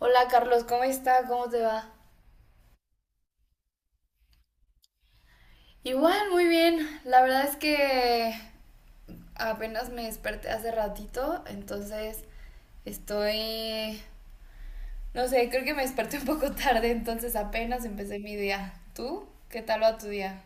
Hola Carlos, ¿cómo está? ¿Cómo te va? Igual, muy bien. La verdad es que apenas me desperté hace ratito, entonces estoy, no sé, creo que me desperté un poco tarde, entonces apenas empecé mi día. ¿Tú? ¿Qué tal va tu día?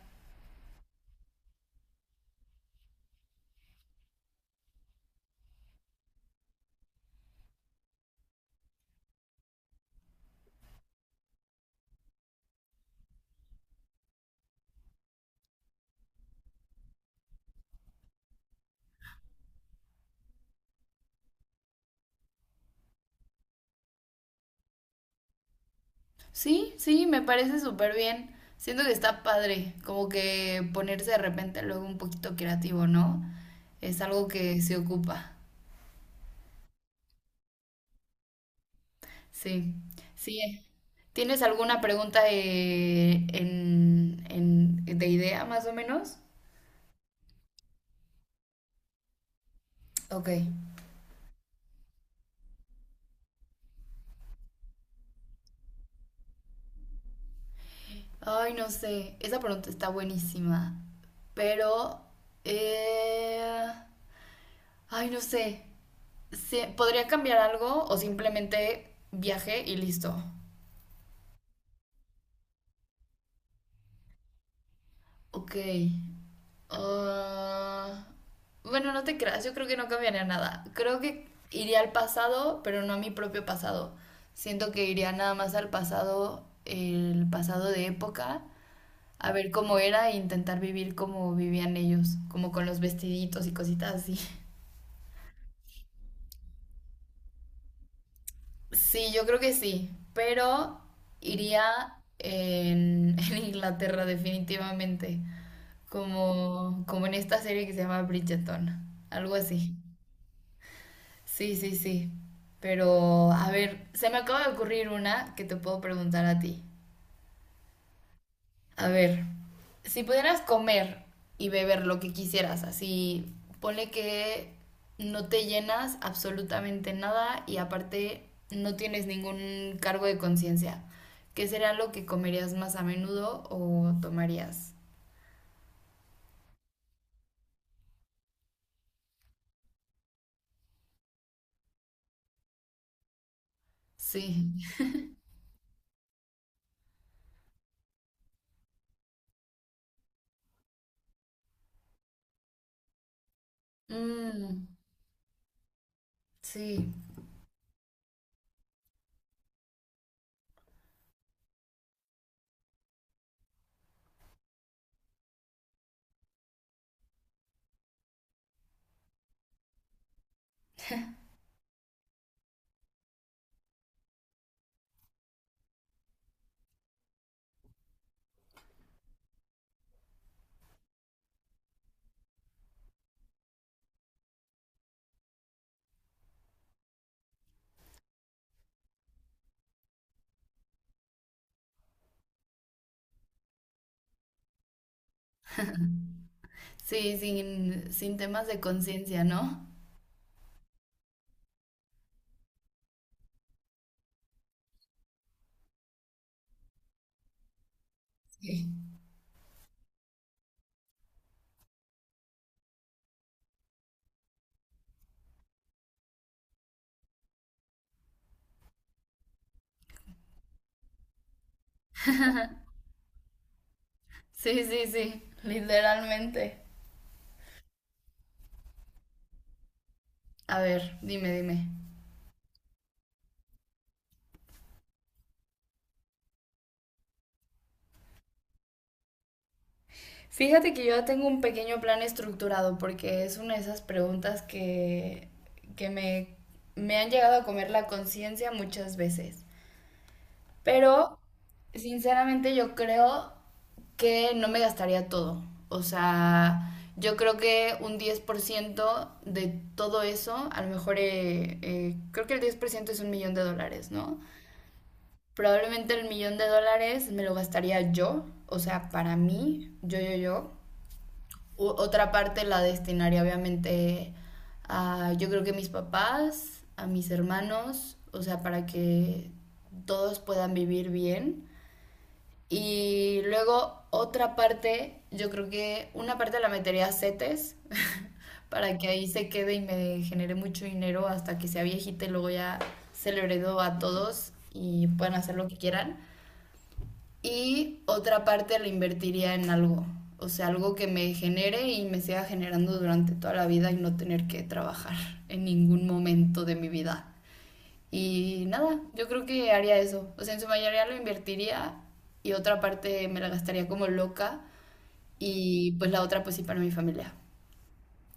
Sí, sí, me parece súper bien. Siento que está padre, como que ponerse de repente luego un poquito creativo, ¿no? Es algo que se ocupa. Sí, sí. ¿Tienes alguna pregunta de idea más o menos? Ok. Ay, no sé. Esa pregunta está buenísima. Pero... eh, Ay, no sé. ¿Podría cambiar algo o simplemente viaje y listo? Ok. Ah, bueno, no te creas, yo creo que no cambiaría nada. Creo que iría al pasado, pero no a mi propio pasado. Siento que iría nada más al pasado, el pasado de época, a ver cómo era e intentar vivir como vivían ellos, como con los vestiditos y cositas así. Sí, yo creo que sí, pero iría en Inglaterra definitivamente, como, como en esta serie que se llama Bridgerton, algo así. Sí, sí, sí. Pero, a ver, se me acaba de ocurrir una que te puedo preguntar a ti. A ver, si pudieras comer y beber lo que quisieras, así, ponle que no te llenas absolutamente nada y aparte no tienes ningún cargo de conciencia, ¿qué será lo que comerías más a menudo o tomarías? Sí. Mm, sí, sí, sin, sin temas de conciencia, ¿no? Sí. Sí, sí, sí. Literalmente. A ver, dime, dime. Fíjate que yo ya tengo un pequeño plan estructurado porque es una de esas preguntas que me han llegado a comer la conciencia muchas veces. Pero, sinceramente, yo creo que no me gastaría todo. O sea, yo creo que un 10% de todo eso, a lo mejor, creo que el 10% es $1,000,000, ¿no? Probablemente el 1,000,000 de dólares me lo gastaría yo, o sea, para mí, yo. Otra parte la destinaría obviamente a, yo creo que mis papás, a mis hermanos, o sea, para que todos puedan vivir bien. Y luego otra parte, yo creo que una parte la metería a CETES, para que ahí se quede y me genere mucho dinero hasta que sea viejita y luego ya se lo heredo a todos y puedan hacer lo que quieran y otra parte la invertiría en algo, o sea, algo que me genere y me siga generando durante toda la vida y no tener que trabajar en ningún momento de mi vida. Y nada, yo creo que haría eso, o sea, en su mayoría lo invertiría y otra parte me la gastaría como loca y pues la otra pues sí para mi familia.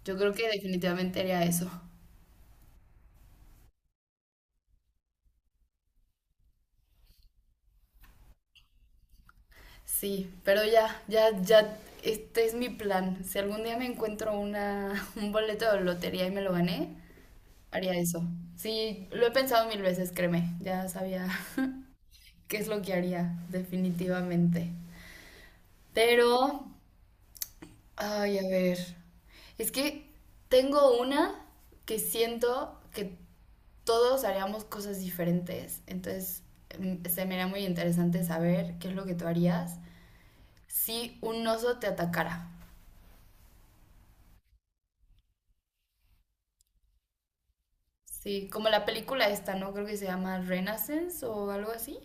Yo creo que definitivamente haría eso. Sí, pero ya, este es mi plan. Si algún día me encuentro una, un boleto de lotería y me lo gané, haría eso. Sí, lo he pensado mil veces, créeme. Ya sabía qué es lo que haría, definitivamente. Pero, ay, a ver. Es que tengo una que siento que todos haríamos cosas diferentes. Entonces, mm, se me era muy interesante saber qué es lo que tú harías si un oso te atacara. Sí, como la película esta, ¿no? Creo que se llama Renaissance o algo así.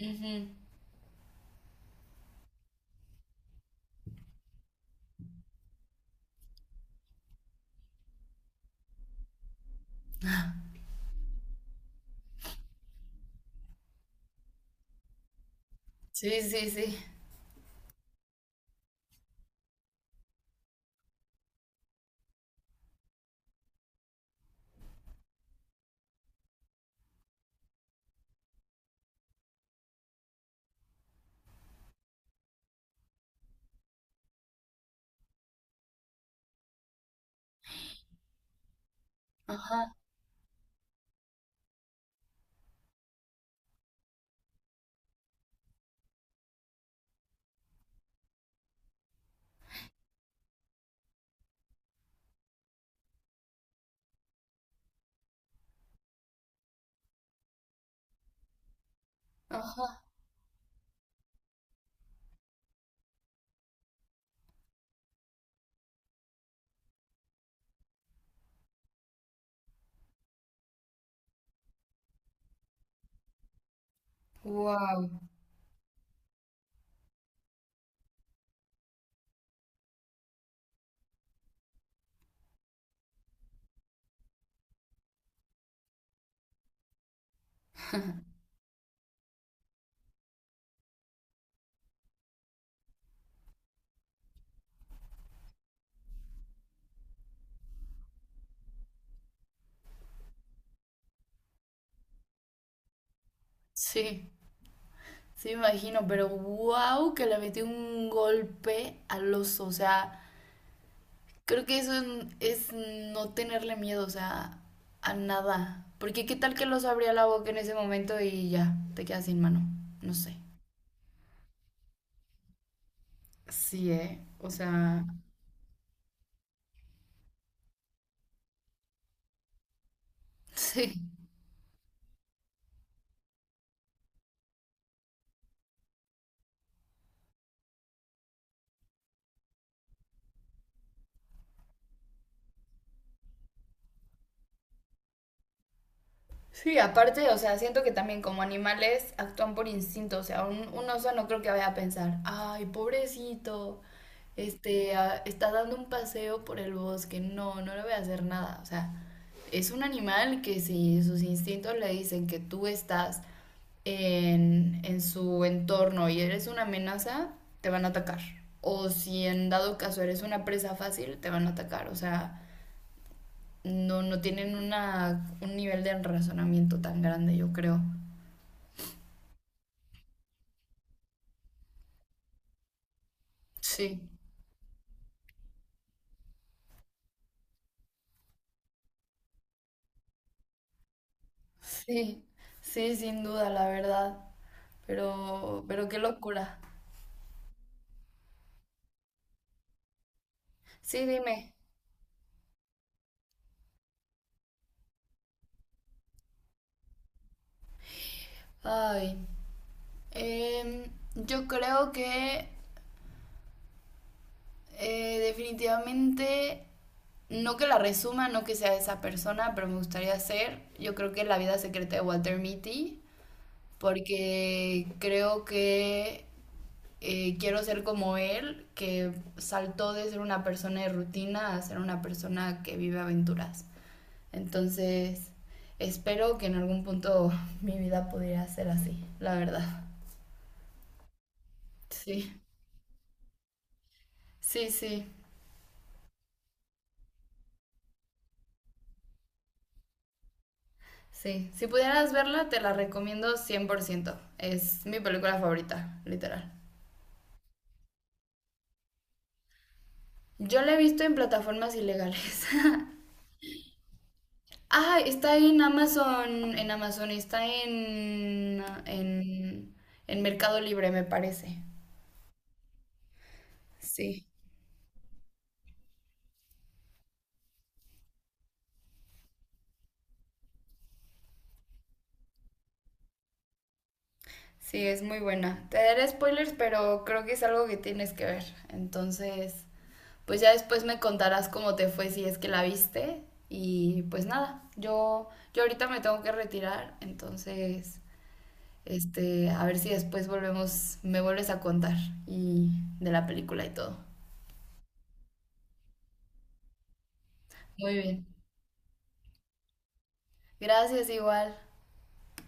Ujú. Sí, sí, sí. Ajá, ajá. Wow. Sí, sí me imagino, pero wow que le metió un golpe al oso, o sea, creo que eso es no tenerle miedo, o sea, a nada, porque qué tal que el oso abría la boca en ese momento y ya, te quedas sin mano, no sé. Sí, ¿eh? O sea, sí. Sí, aparte, o sea, siento que también como animales actúan por instinto, o sea, un oso no creo que vaya a pensar, ay, pobrecito, este, ah, está dando un paseo por el bosque, no, no le voy a hacer nada, o sea, es un animal que si sus instintos le dicen que tú estás en su entorno y eres una amenaza, te van a atacar, o si en dado caso eres una presa fácil, te van a atacar, o sea no, no tienen una, un nivel de razonamiento tan grande, yo creo. Sí. Sí, sí, sin duda, la verdad. Pero qué locura. Sí, dime. Ay, em, yo creo que definitivamente, no que la resuma, no que sea esa persona, pero me gustaría ser, yo creo que la vida secreta de Walter Mitty, porque creo que quiero ser como él, que saltó de ser una persona de rutina a ser una persona que vive aventuras. Entonces, espero que en algún punto mi vida pudiera ser así, la verdad. Sí, sí, sí, sí. Si pudieras verla, te la recomiendo 100%. Es mi película favorita, literal. Yo la he visto en plataformas ilegales. Ah, está en Amazon, está en Mercado Libre, me parece. Sí, sí, es muy buena. Te daré spoilers, pero creo que es algo que tienes que ver. Entonces, pues ya después me contarás cómo te fue si es que la viste. Y pues nada, yo ahorita me tengo que retirar, entonces, este, a ver si después volvemos, me vuelves a contar y de la película y todo. Muy bien. Gracias igual.